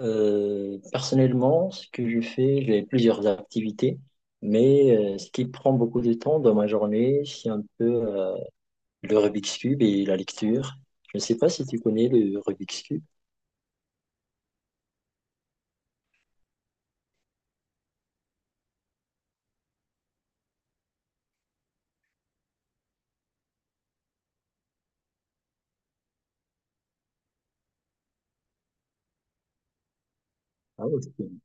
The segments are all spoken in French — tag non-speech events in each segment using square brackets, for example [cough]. Personnellement, ce que je fais, j'ai plusieurs activités, mais ce qui prend beaucoup de temps dans ma journée, c'est un peu le Rubik's Cube et la lecture. Je ne sais pas si tu connais le Rubik's Cube. Ah, ok.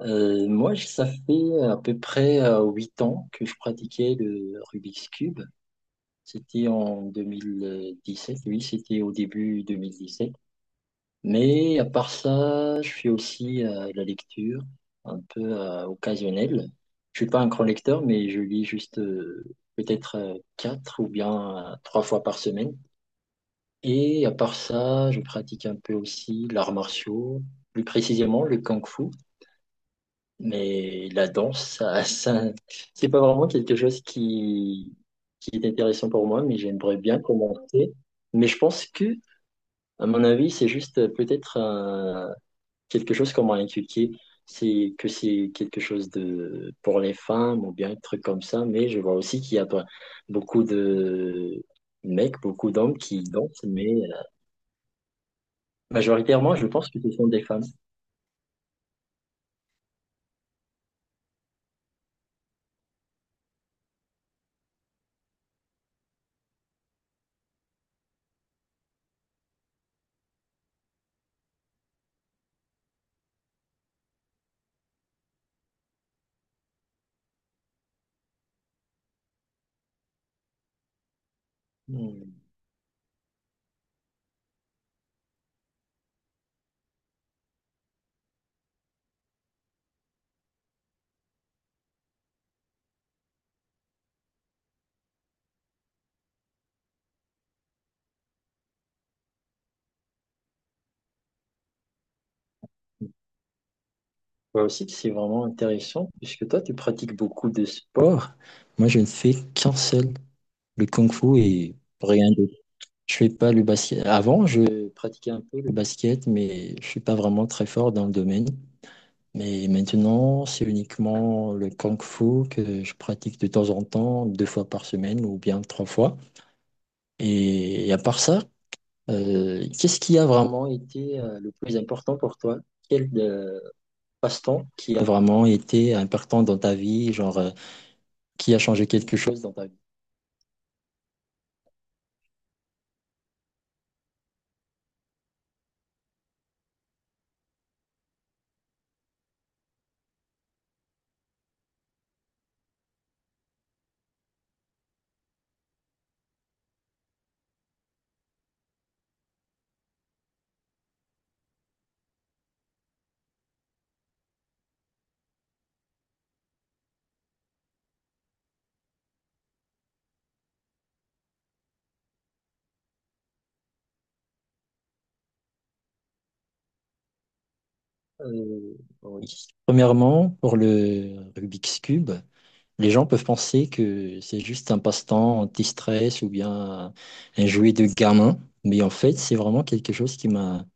Moi, ça fait à peu près 8 ans que je pratiquais le Rubik's Cube. C'était en 2017. Oui, c'était au début 2017. Mais à part ça, je fais aussi de la lecture, un peu occasionnelle. Je suis pas un grand lecteur, mais je lis juste peut-être quatre ou bien trois fois par semaine. Et à part ça, je pratique un peu aussi l'art martiaux, plus précisément le kung-fu. Mais la danse, ça, [laughs] ça, c'est pas vraiment quelque chose qui est intéressant pour moi, mais j'aimerais bien commencer. Mais je pense que, à mon avis, c'est juste peut-être quelque chose qu'on m'a inculqué, c'est que c'est quelque chose de pour les femmes ou bien un truc comme ça, mais je vois aussi qu'il y a beaucoup de mecs, beaucoup d'hommes qui dansent, mais majoritairement, je pense que ce sont des femmes. Hmm. Je aussi c'est vraiment intéressant, puisque toi, tu pratiques beaucoup de sports. Moi, je ne fais qu'un seul, le kung-fu et rien d'autre. Je fais pas le basket. Avant, je pratiquais un peu le basket, mais je suis pas vraiment très fort dans le domaine. Mais maintenant, c'est uniquement le Kung Fu que je pratique de temps en temps, deux fois par semaine ou bien trois fois. Et à part ça, qu'est-ce qui a vraiment été le plus important pour toi? Quel passe-temps qui a vraiment été important dans ta vie, genre qui a changé quelque chose dans ta vie? Euh, oui. Premièrement, pour le Rubik's Cube, les gens peuvent penser que c'est juste un passe-temps anti-stress ou bien un jouet de gamin, mais en fait, c'est vraiment quelque chose qui m'a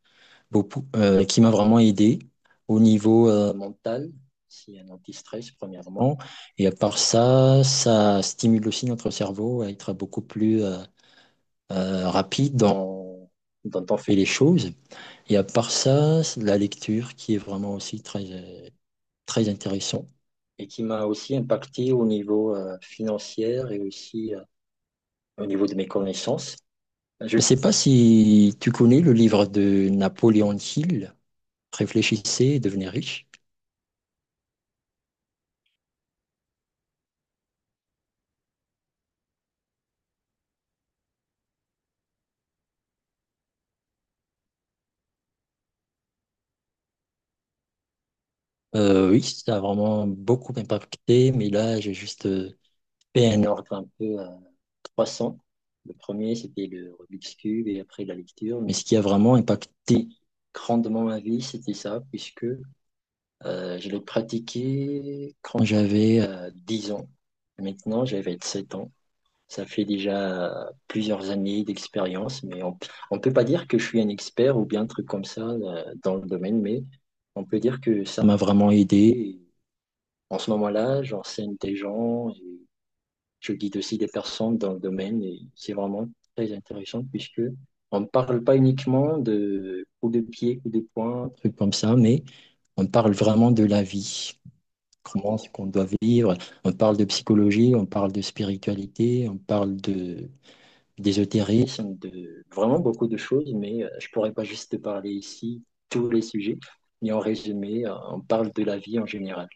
beaucoup, euh, qui m'a vraiment aidé au niveau mental. C'est un anti-stress, premièrement. Et à part ça, ça stimule aussi notre cerveau à être beaucoup plus rapide dans on fait les choses. Et à part ça, c'est de la lecture qui est vraiment aussi très, très intéressant et qui m'a aussi impacté au niveau financier et aussi au niveau de mes connaissances. Je ne sais pas si tu connais le livre de Napoléon Hill, Réfléchissez et devenez riche. Oui, ça a vraiment beaucoup impacté, mais là, j'ai juste fait un ordre un peu 300. Le premier, c'était le Rubik's Cube et après la lecture. Mais ce qui a vraiment impacté grandement ma vie, c'était ça, puisque je l'ai pratiqué quand j'avais 10 ans. Maintenant, j'avais 7 ans. Ça fait déjà plusieurs années d'expérience, mais on ne peut pas dire que je suis un expert ou bien un truc comme ça dans le domaine, mais on peut dire que ça m'a vraiment aidé. Et en ce moment-là, j'enseigne des gens et je guide aussi des personnes dans le domaine et c'est vraiment très intéressant puisque on ne parle pas uniquement de coups de pied, coups de poing, trucs comme ça, mais on parle vraiment de la vie, comment est-ce qu'on doit vivre. On parle de psychologie, on parle de spiritualité, on parle de d'ésotérisme, de vraiment beaucoup de choses, mais je pourrais pas juste te parler ici tous les sujets. Mais en résumé, on parle de la vie en général.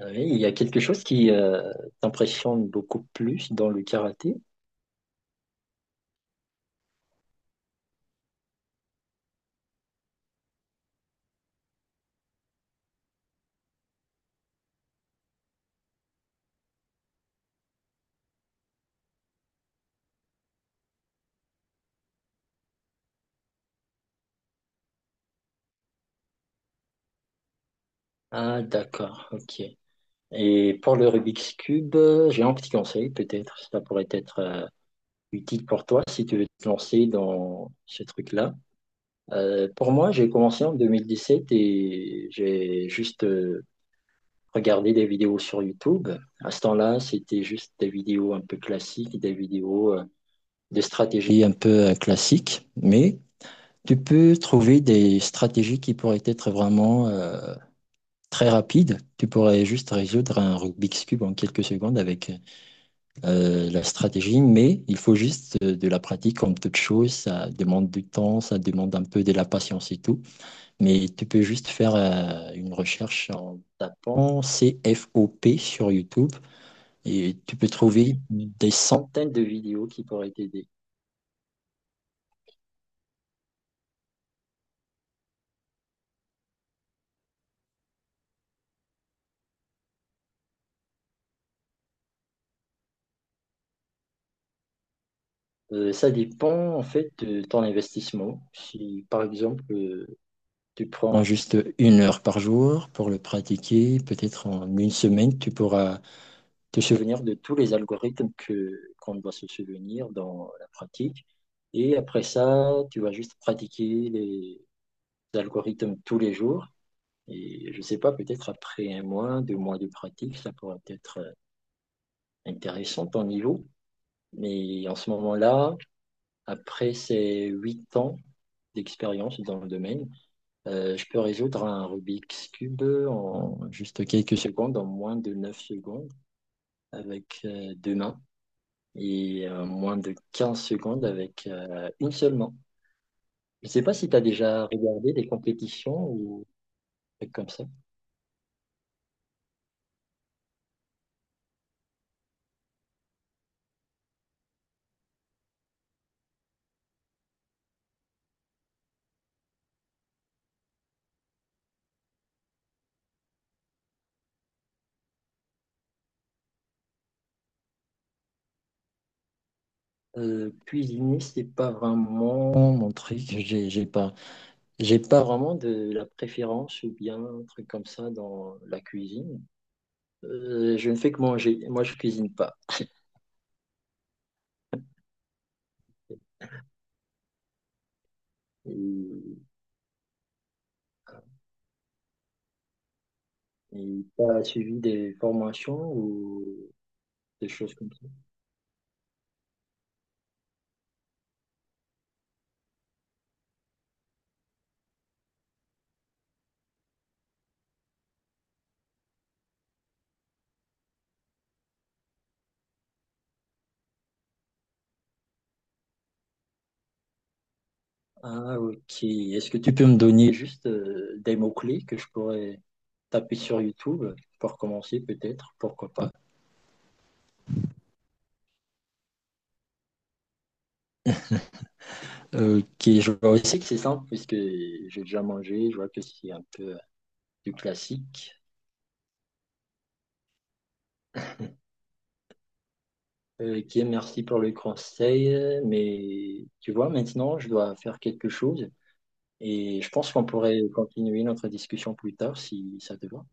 Oui, il y a quelque chose qui t'impressionne beaucoup plus dans le karaté. Ah, d'accord, ok. Et pour le Rubik's Cube, j'ai un petit conseil, peut-être, ça pourrait être utile pour toi si tu veux te lancer dans ce truc-là. Pour moi, j'ai commencé en 2017 et j'ai juste regardé des vidéos sur YouTube. À ce temps-là, c'était juste des vidéos un peu classiques, des vidéos de stratégie un peu classique, mais tu peux trouver des stratégies qui pourraient être vraiment très rapides. Tu pourrais juste résoudre un Rubik's Cube en quelques secondes avec la stratégie, mais il faut juste de la pratique comme toute chose. Ça demande du temps, ça demande un peu de la patience et tout. Mais tu peux juste faire une recherche en tapant C F O P sur YouTube et tu peux trouver des centaines de vidéos qui pourraient t'aider. Ça dépend en fait de ton investissement. Si par exemple tu prends juste 1 heure par jour pour le pratiquer. Peut-être en une semaine, tu pourras te souvenir de tous les algorithmes que qu'on doit se souvenir dans la pratique. Et après ça, tu vas juste pratiquer les algorithmes tous les jours. Et je ne sais pas, peut-être après un mois, 2 mois de pratique, ça pourrait être intéressant ton niveau. Mais en ce moment-là, après ces 8 ans d'expérience dans le domaine, je peux résoudre un Rubik's Cube en juste quelques secondes, en moins de 9 secondes avec deux mains et moins de 15 secondes avec une seule main. Je ne sais pas si tu as déjà regardé des compétitions ou des trucs comme ça. Cuisiner, c'est pas vraiment mon truc. J'ai pas vraiment de la préférence ou bien un truc comme ça dans la cuisine. Je ne fais que manger. Moi, je cuisine pas. Et euh, Et t'as suivi des formations ou des choses comme ça? Ah, ok. Est-ce que tu peux me donner juste des mots-clés que je pourrais taper sur YouTube pour commencer, peut-être, pourquoi pas? Ok, je vois aussi que c'est simple puisque j'ai déjà mangé, je vois que c'est un peu du classique. Ok, merci pour le conseil, mais tu vois, maintenant, je dois faire quelque chose et je pense qu'on pourrait continuer notre discussion plus tard si ça te va.